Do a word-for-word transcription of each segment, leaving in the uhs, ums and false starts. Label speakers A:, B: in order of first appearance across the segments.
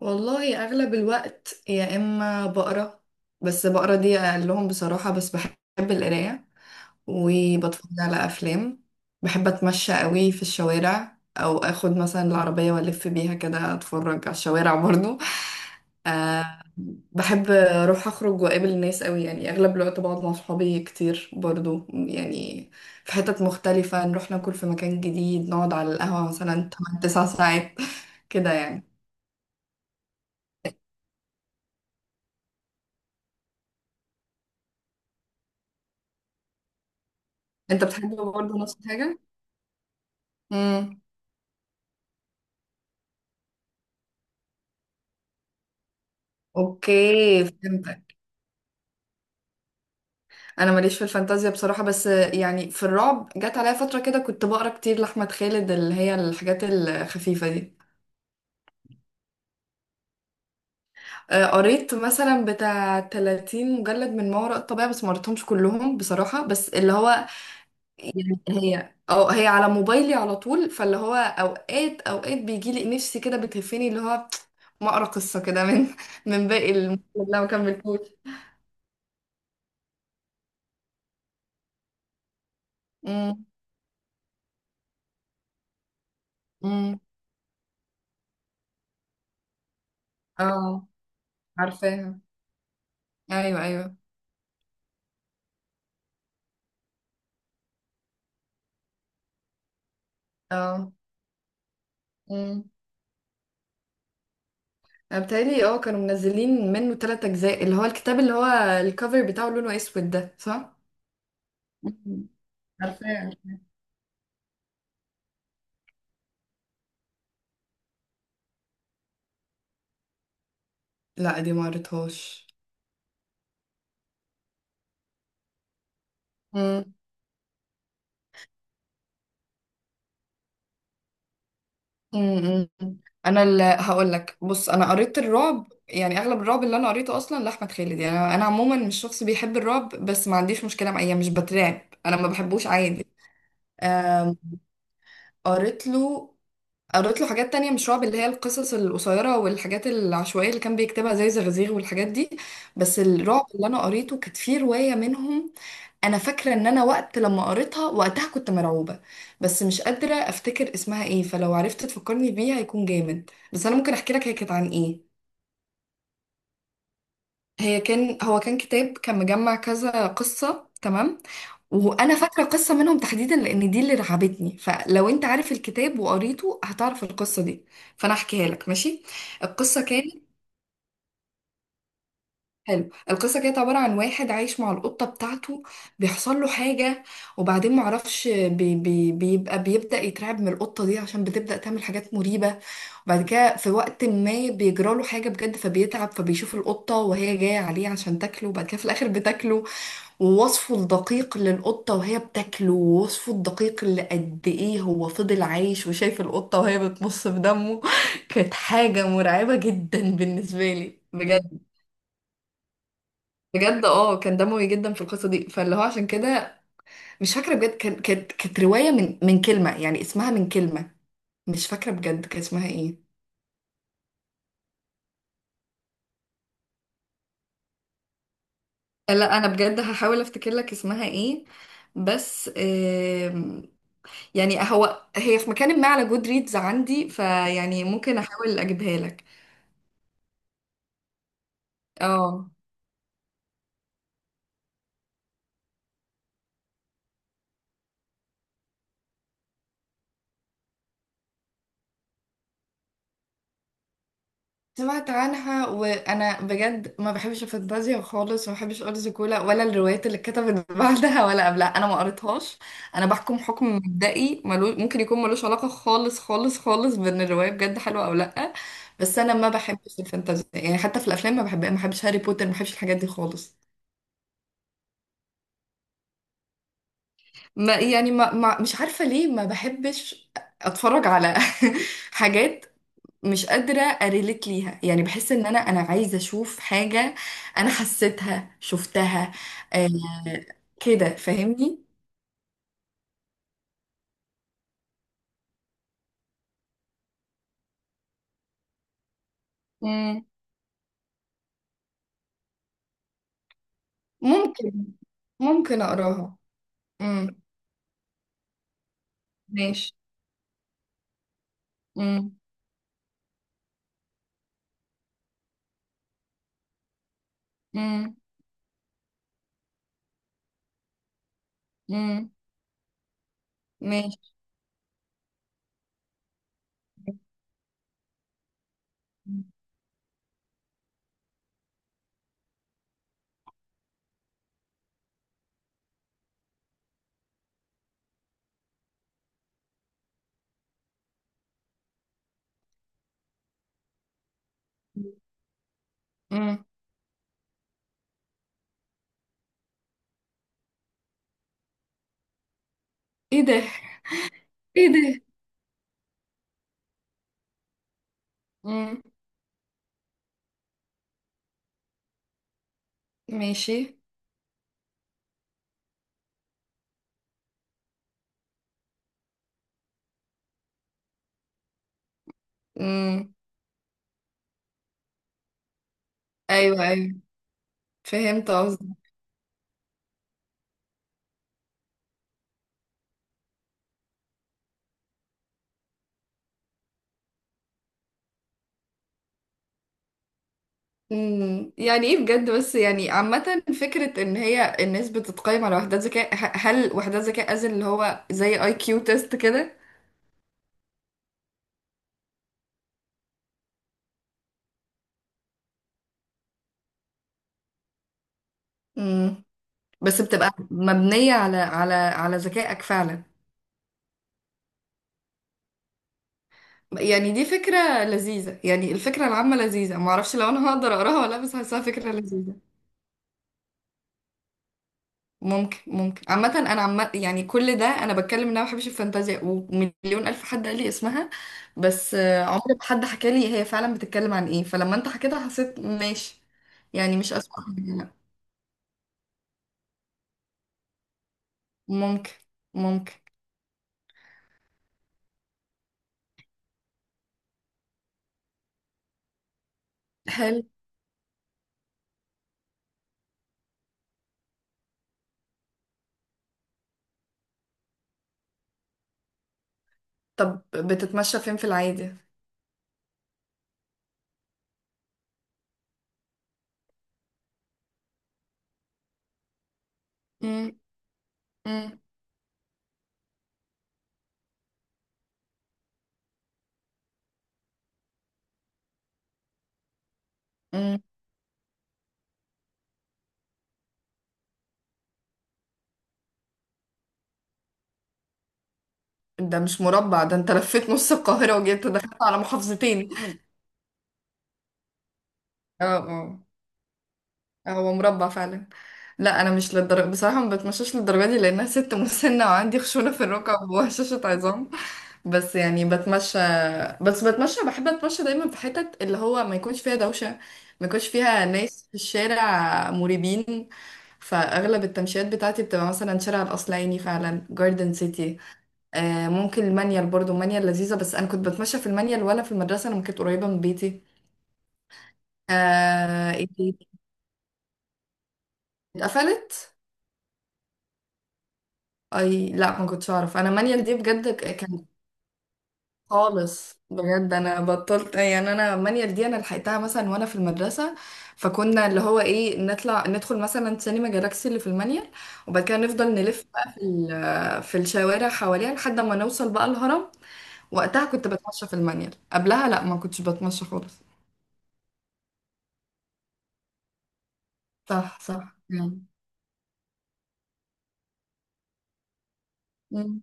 A: والله اغلب الوقت يا اما بقرا. بس بقرا دي اقلهم بصراحه، بس بحب القرايه وبتفرج على افلام. بحب اتمشى قوي في الشوارع او اخد مثلا العربيه والف بيها كده اتفرج على الشوارع برضو. أه، بحب اروح اخرج واقابل الناس قوي، يعني اغلب الوقت بقعد مع صحابي كتير برضو، يعني في حتت مختلفه نروح ناكل في مكان جديد، نقعد على القهوه مثلا تمانية تسعة ساعات كده يعني. انت بتحب برضو نفس الحاجه؟ امم. اوكي فهمتك. انا ماليش في الفانتازيا بصراحه، بس يعني في الرعب جت عليا فتره كده كنت بقرا كتير لاحمد خالد، اللي هي الحاجات الخفيفه دي. آه، قريت مثلا بتاع تلاتين مجلد من ما وراء الطبيعه، بس ما قريتهمش كلهم بصراحه، بس اللي هو هي او هي على موبايلي على طول، فاللي هو اوقات اوقات بيجي لي نفسي كده بتهفني اللي هو ما اقرا قصه كده من من باقي المجلد اللي انا ما كملتوش. امم امم. اه، عارفاها. ايوه ايوه. اه. امم. بتهيألي اه كانوا منزلين منه تلات أجزاء، اللي هو الكتاب اللي هو الكفر بتاعه لونه أسود ده صح؟ مم. عارفاه. لا دي ما قريتهاش. امم امم. انا اللي هقول لك، بص انا قريت الرعب، يعني اغلب الرعب اللي انا قريته اصلا لاحمد خالد. يعني انا أنا عموما مش شخص بيحب الرعب، بس ما عنديش مشكله مع، يعني مش بترعب. انا ما بحبوش عادي. آم، قريت له قريت له حاجات تانية مش رعب، اللي هي القصص القصيرة والحاجات العشوائية اللي كان بيكتبها زي زغزيغ والحاجات دي. بس الرعب اللي أنا قريته كانت فيه رواية منهم، أنا فاكرة إن أنا وقت لما قريتها وقتها كنت مرعوبة، بس مش قادرة أفتكر اسمها إيه. فلو عرفت تفكرني بيها هيكون جامد، بس أنا ممكن أحكي لك هي كانت عن إيه. هي كان هو كان كتاب، كان مجمع كذا قصة تمام، وانا فاكرة قصة منهم تحديدا لان دي اللي رعبتني. فلو انت عارف الكتاب وقريته هتعرف القصة دي، فانا احكيها لك ماشي. القصة كانت حلو، القصة كانت عبارة عن واحد عايش مع القطة بتاعته، بيحصل له حاجة. وبعدين معرفش بي بي بيبقى بيبدأ يترعب من القطة دي عشان بتبدأ تعمل حاجات مريبة. وبعد كده في وقت ما بيجرى له حاجة بجد، فبيتعب، فبيشوف القطة وهي جاية عليه عشان تاكله، وبعد كده في الآخر بتاكله. ووصفه الدقيق للقطة وهي بتاكله، ووصفه الدقيق اللي قد ايه هو فضل عايش وشايف القطة وهي بتمص في دمه كانت حاجة مرعبة جدا بالنسبة لي بجد. مم. بجد اه كان دموي جدا في القصة دي، فاللي هو عشان كده مش فاكرة بجد. كان- كانت كانت رواية من من كلمة، يعني اسمها من كلمة، مش فاكرة بجد كان اسمها ايه. لا انا بجد هحاول افتكر لك اسمها ايه، بس آم، يعني هو هي في مكان ما على جود ريدز عندي، فيعني ممكن احاول اجيبها لك. اه، سمعت عنها وانا بجد ما بحبش الفانتازيا خالص، وما بحبش ارض زيكولا ولا الروايات اللي اتكتبت بعدها ولا قبلها، انا ما قريتهاش. انا بحكم حكم مبدئي ملو... ممكن يكون ملوش علاقه خالص خالص خالص بان الروايه بجد حلوه او لا. بس انا ما بحبش الفانتازيا، يعني حتى في الافلام ما بحب ما بحبش هاري بوتر، ما بحبش الحاجات دي خالص. ما يعني ما ما مش عارفة ليه ما بحبش. اتفرج على حاجات، مش قادرة اريليت ليها. يعني بحس ان انا انا عايزة اشوف حاجة انا حسيتها شفتها. آه، كده فاهمني. امم. ممكن ممكن اقراها. امم. ماشي. امم امم امم. ماشي. امم. ايه ده. ايه ده. امم. ماشي. امم. ايوه ايوه، فهمت قصدي. مم. يعني ايه بجد، بس يعني عامة فكرة ان هي الناس بتتقيم على وحدات ذكاء، ه- هل وحدات ذكاء از اللي هو زي اي كيو تيست كده؟ مم. بس بتبقى مبنية على على على ذكائك فعلا. يعني دي فكرة لذيذة، يعني الفكرة العامة لذيذة، معرفش لو انا هقدر اقراها ولا لا، بس حاساها فكرة لذيذة. ممكن ممكن عامة انا عم، يعني كل ده انا بتكلم ان انا ما بحبش الفانتازيا، ومليون الف حد قال لي اسمها. بس آه، عمري ما حد حكى لي هي فعلا بتتكلم عن ايه، فلما انت حكيتها حسيت ماشي، يعني مش اسوء حاجة لا. ممكن ممكن حلو. طب بتتمشى فين في العادي؟ مم، مم، مم. ده مش مربع، ده انت لفيت نص القاهرة وجيت دخلت على محافظتين. اه اه، هو مربع فعلا. لا انا مش للدرجه بصراحه، ما بتمشاش للدرجه دي لانها ست مسنه وعندي خشونه في الركب وهشاشه عظام. بس يعني بتمشى. بس بتمشى بحب اتمشى دايما في حتت اللي هو ما يكونش فيها دوشه، ما يكونش فيها ناس في الشارع مريبين. فاغلب التمشيات بتاعتي بتبقى مثلا شارع الاصلعيني فعلا، جاردن سيتي. آه، ممكن المانيال برضو، المانيال لذيذه، بس انا كنت بتمشى في المانيال وانا في المدرسه لما كانت قريبه من بيتي. آه، إيه تاني؟ اتقفلت؟ اي، لا ما كنتش اعرف، انا مانيال دي بجد ك- كان خالص بجد انا بطلت، يعني انا مانيال دي انا لحقتها مثلا وانا في المدرسه. فكنا اللي هو ايه نطلع ندخل مثلا سينما جالاكسي اللي في المانيال، وبعد كده نفضل نلف بقى في ال- في الشوارع حواليها لحد ما نوصل بقى الهرم. وقتها كنت بتمشى في المانيال، قبلها لا ما كنتش بتمشى خالص. صح صح. يعني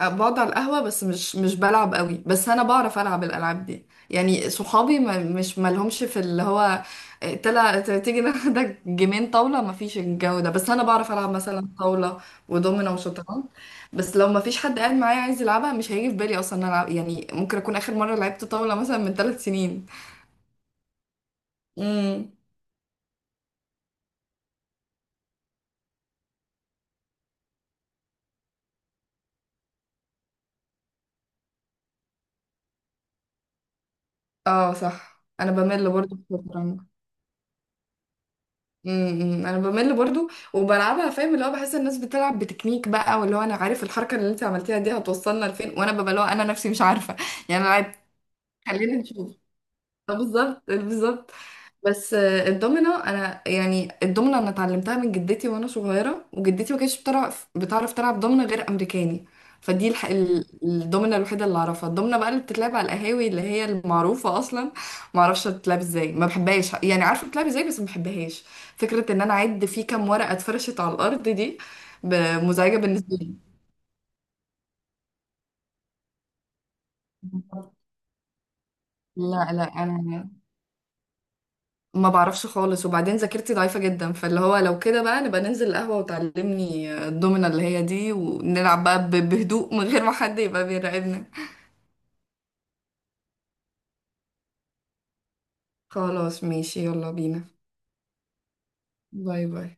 A: أه، بقعد على القهوة، بس مش مش بلعب قوي. بس أنا بعرف ألعب الألعاب دي، يعني صحابي ما مش مالهمش في اللي هو، إيه، تلا ت- تيجي ناخدك جيمين طاولة، ما فيش الجو ده. بس أنا بعرف ألعب مثلا طاولة ودومينة وشطرنج، بس لو ما فيش حد قاعد معايا عايز يلعبها مش هيجي في بالي أصلا إن أنا ألعب. يعني ممكن أكون آخر مرة لعبت طاولة مثلا من ثلاث سنين. امم. اه صح، أنا بمل برضه في الشطرنج. امم، انا بمل برضو وبلعبها، فاهم اللي هو، بحس الناس بتلعب بتكنيك بقى، واللي هو انا عارف الحركه اللي انت عملتيها دي هتوصلنا لفين، وانا ببقى اللي هو انا نفسي مش عارفه. يعني انا لعبت، خلينا نشوف. طب بالظبط بالظبط. بس آه، الدومينو انا، يعني الدومينو انا اتعلمتها من جدتي وانا صغيره، وجدتي ما كانتش بتعرف بتعرف تلعب دومينو غير امريكاني. فدي الح... ال- الدومينو الوحيده اللي اعرفها، الدومينو بقى اللي بتتلعب على القهاوي اللي هي المعروفه اصلا ما اعرفش بتتلعب ازاي، ما بحبهاش يعني، عارفه بتتلعب ازاي بس ما بحبهاش. فكره ان انا اعد في كام ورقه اتفرشت على الارض دي ب- مزعجه بالنسبه لي. لا لا انا ما بعرفش خالص، وبعدين ذاكرتي ضعيفة جدا، فاللي هو لو كده بقى نبقى ننزل القهوة وتعلمني الدومنة اللي هي دي، ونلعب بقى ب- بهدوء من غير ما حد يبقى بيراقبنا. خلاص ماشي، يلا بينا. باي باي.